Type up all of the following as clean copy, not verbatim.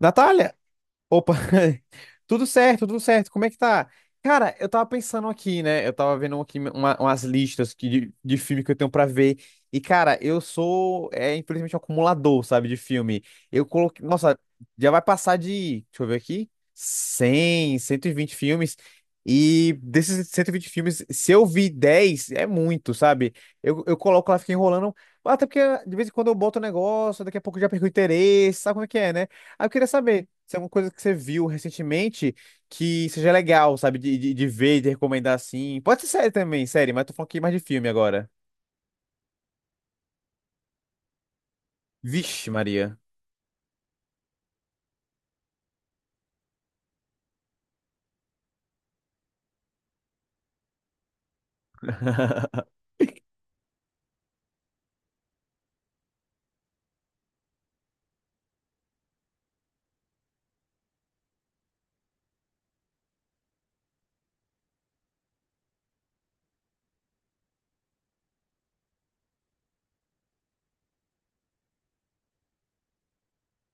Natália! Opa! Tudo certo, tudo certo. Como é que tá? Cara, eu tava pensando aqui, né? Eu tava vendo aqui umas listas de filme que eu tenho pra ver. E, cara, eu sou, infelizmente, um acumulador, sabe, de filme. Eu coloquei. Nossa, já vai passar de. Deixa eu ver aqui. Cento e vinte filmes. E desses 120 filmes, se eu vi 10, é muito, sabe? Eu coloco lá, fico enrolando. Até porque de vez em quando eu boto o negócio, daqui a pouco eu já perco o interesse, sabe como é que é, né? Ah, eu queria saber se é alguma coisa que você viu recentemente que seja legal, sabe? De ver, de recomendar assim. Pode ser série também, série, mas eu tô falando aqui mais de filme agora. Vixe, Maria.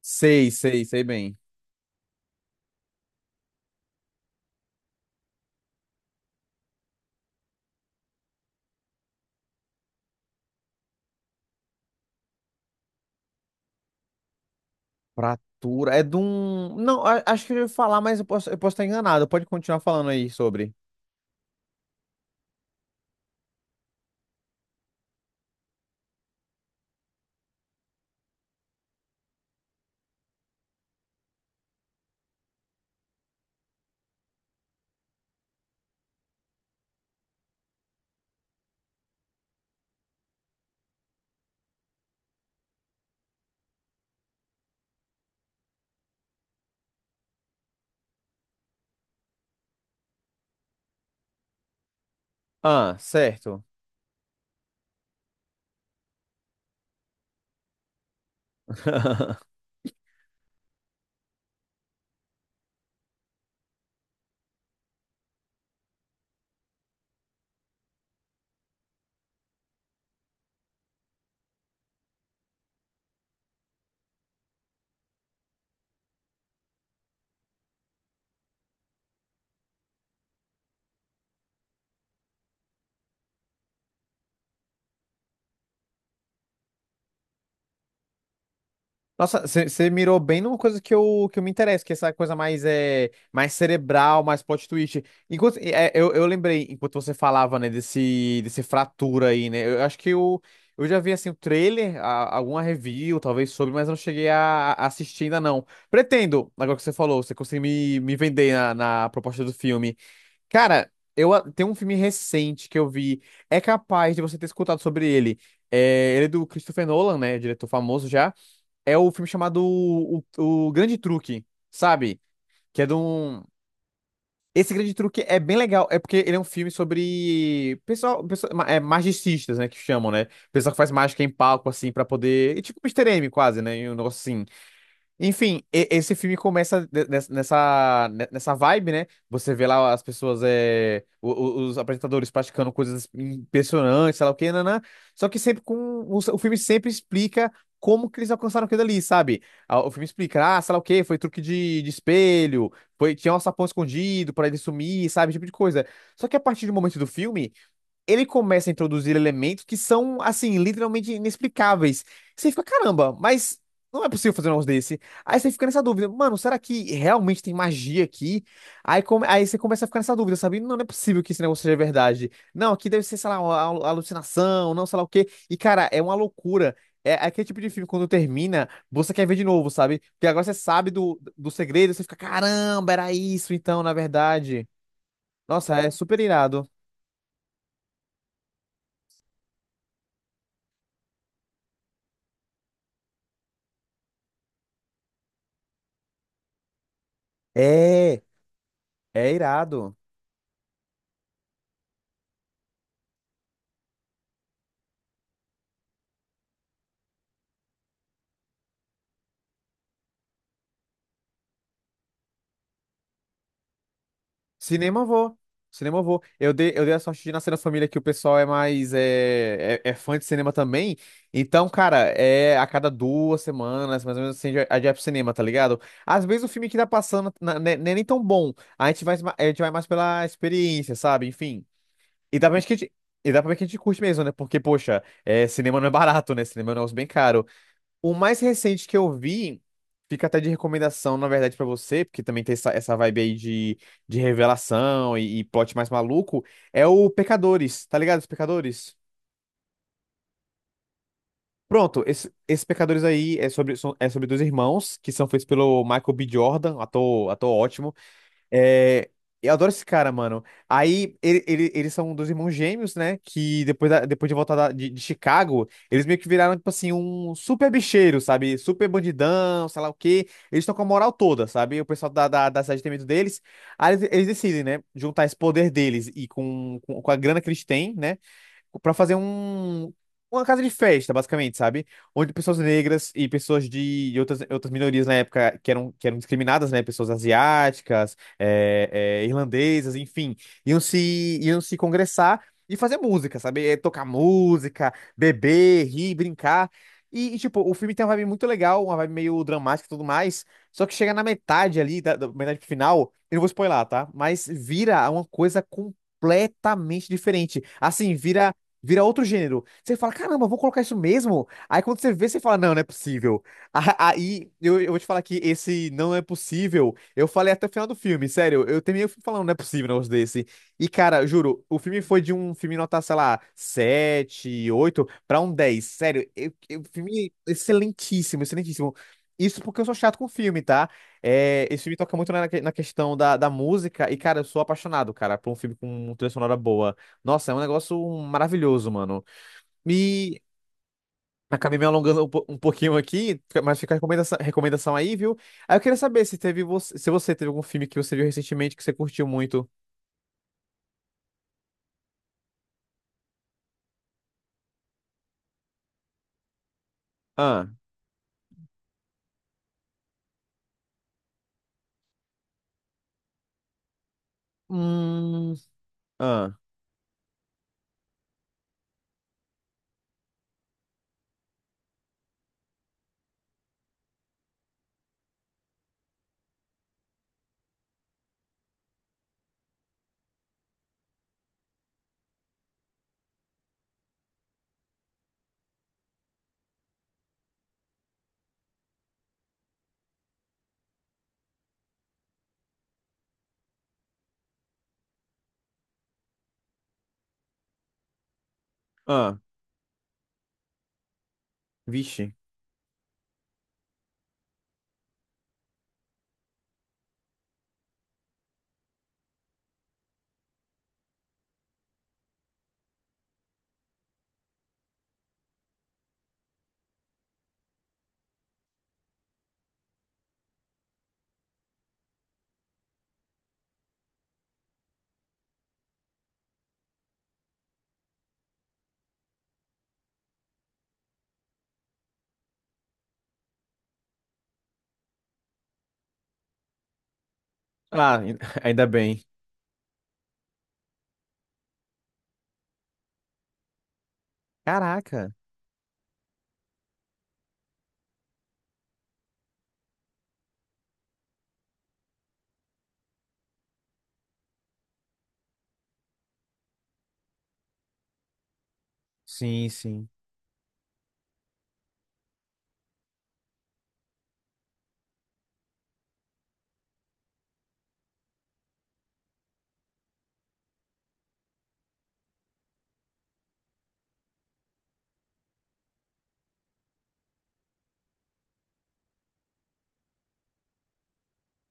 Sei, sei, sei bem. Fratura. É de um. Não, acho que eu já falar, mas eu posso estar enganado. Pode continuar falando aí sobre. Ah, certo. Nossa, você mirou bem numa coisa que eu me interesso, que é essa coisa mais cerebral, mais plot twist. Enquanto, eu lembrei, enquanto você falava, né, desse fratura aí, né? Eu acho que eu já vi, assim, o trailer, alguma review, talvez, sobre, mas eu não cheguei a assistir ainda, não. Pretendo, agora que você falou, você conseguiu me vender na proposta do filme. Cara, tem um filme recente que eu vi, é capaz de você ter escutado sobre ele. Ele é do Christopher Nolan, né, diretor famoso já, é o filme chamado o Grande Truque, sabe? Que é de um. Esse Grande Truque é bem legal, é porque ele é um filme sobre pessoal, magicistas, né, que chamam, né? Pessoal que faz mágica em palco, assim, pra poder, é tipo Mister M, quase, né? E um negócio assim. Enfim, esse filme começa nessa vibe, né? Você vê lá as pessoas, os apresentadores praticando coisas impressionantes, sei lá o quê, nanã. Só que sempre com. O filme sempre explica como que eles alcançaram aquilo ali, sabe? Ah, o filme explica, ah, sei lá o quê, foi truque de espelho, tinha um sapão escondido pra ele sumir, sabe? Esse tipo de coisa. Só que a partir do momento do filme ele começa a introduzir elementos que são, assim, literalmente inexplicáveis. Você fica, caramba, mas não é possível fazer um negócio desse. Aí você fica nessa dúvida, mano, será que realmente tem magia aqui? Aí você começa a ficar nessa dúvida, sabe? Não, não é possível que esse negócio seja verdade. Não, aqui deve ser, sei lá, uma alucinação, não sei lá o quê. E, cara, é uma loucura. É aquele tipo de filme, quando termina, você quer ver de novo, sabe? Porque agora você sabe do segredo, você fica, caramba, era isso então, na verdade. Nossa, é super irado. É. É irado. Cinema eu vou. Cinema eu vou. Eu dei a sorte de nascer na família que o pessoal é mais é fã de cinema também. Então, cara, é a cada 2 semanas, mais ou menos assim, a gente vai pro cinema, tá ligado? Às vezes o filme que tá passando né, não é nem tão bom. A gente vai mais pela experiência, sabe? Enfim. E dá pra ver que a gente, e dá pra ver que a gente curte mesmo, né? Porque, poxa, cinema não é barato, né? Cinema é um negócio bem caro. O mais recente que eu vi, fica até de recomendação, na verdade, pra você, porque também tem essa vibe aí de revelação e plot mais maluco, é o Pecadores, tá ligado? Os Pecadores? Pronto, esse Pecadores aí é sobre dois irmãos que são feitos pelo Michael B. Jordan, ator ótimo. É, eu adoro esse cara, mano. Aí eles são dois irmãos gêmeos, né? Que depois, depois de voltar de Chicago, eles meio que viraram, tipo assim, um super bicheiro, sabe? Super bandidão, sei lá o quê. Eles estão com a moral toda, sabe? O pessoal da cidade tem medo deles. Aí eles decidem, né? Juntar esse poder deles e com a grana que eles têm, né? Para fazer uma casa de festa, basicamente, sabe? Onde pessoas negras e pessoas de outras minorias na época que eram discriminadas, né? Pessoas asiáticas, irlandesas, enfim, iam se congressar e fazer música, sabe? Tocar música, beber, rir, brincar. E, tipo, o filme tem uma vibe muito legal, uma vibe meio dramática e tudo mais. Só que chega na metade ali, da metade pro final, eu não vou spoiler, tá? Mas vira uma coisa completamente diferente. Assim, vira outro gênero. Você fala, caramba, vou colocar isso mesmo? Aí quando você vê, você fala, não, não é possível. Aí eu vou te falar que esse não é possível. Eu falei até o final do filme, sério. Eu terminei o filme falando, não é possível um negócio desse. E, cara, juro, o filme foi de um filme nota, sei lá, 7, 8 pra um 10, sério, filme é excelentíssimo, excelentíssimo. Isso porque eu sou chato com filme, tá? Esse filme toca muito na questão da música. E, cara, eu sou apaixonado, cara, por um filme com uma trilha sonora boa. Nossa, é um negócio maravilhoso, mano. E acabei me alongando um pouquinho aqui, mas fica a recomendação aí, viu? Aí eu queria saber se você teve algum filme que você viu recentemente que você curtiu muito. Ah, hum, ah, ah, vixe. Ah, ainda bem. Caraca. Sim, sim.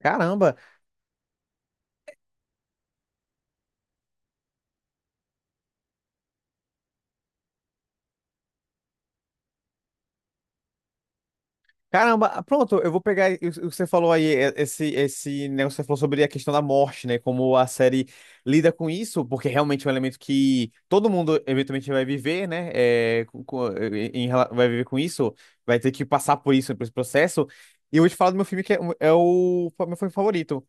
Caramba. Caramba, ah, pronto, eu vou pegar o que você falou aí, esse negócio que você falou sobre a questão da morte, né? Como a série lida com isso, porque realmente é um elemento que todo mundo eventualmente vai viver, né? É, vai viver com isso, vai ter que passar por isso, por esse processo. E eu vou te falar do meu filme que é o meu filme favorito.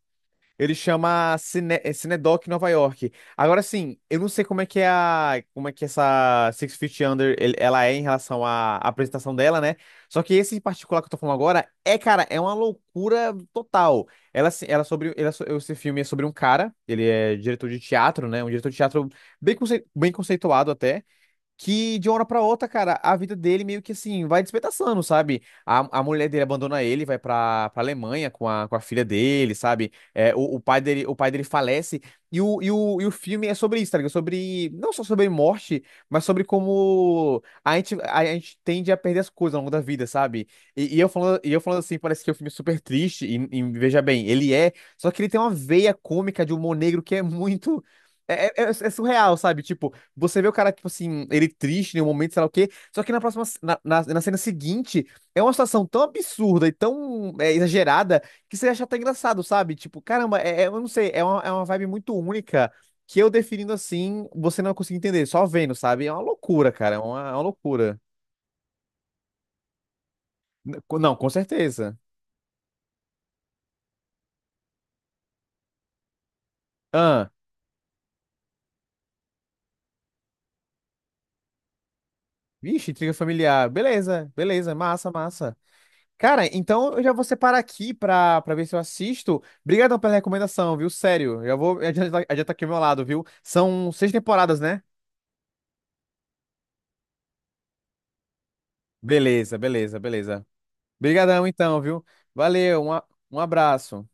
Ele chama Cinedoc Nova York. Agora sim, eu não sei como é que essa Six Feet Under ela é em relação à apresentação dela, né? Só que esse em particular que eu tô falando agora é, cara, é uma loucura total. Ela, se- ela é sobre, Esse filme é sobre um cara, ele é diretor de teatro, né? Um diretor de teatro bem conceituado até que de uma hora pra outra, cara, a vida dele meio que assim vai despedaçando, sabe? A mulher dele abandona ele, vai pra Alemanha com a filha dele, sabe? O pai dele falece. E o filme é sobre isso, tá ligado? Sobre, não só sobre morte, mas sobre como a gente tende a perder as coisas ao longo da vida, sabe? E eu falando assim, parece que é um filme super triste, e veja bem, ele é, só que ele tem uma veia cômica de humor negro que é muito. É surreal, sabe? Tipo, você vê o cara, tipo assim, ele triste em um momento, sei lá o quê. Só que na próxima, na, na, na cena seguinte, é uma situação tão absurda e tão exagerada que você acha até engraçado, sabe? Tipo, caramba, eu não sei, é uma, vibe muito única que eu definindo assim, você não consegue entender, só vendo, sabe? É uma loucura, cara, é uma loucura. Não, com certeza. Ah, vixe, intriga familiar. Beleza, beleza, massa, massa. Cara, então eu já vou separar aqui pra ver se eu assisto. Obrigadão pela recomendação, viu? Sério, já vou adiantar aqui o meu lado, viu? São 6 temporadas, né? Beleza, beleza, beleza. Obrigadão então, viu? Valeu, um abraço.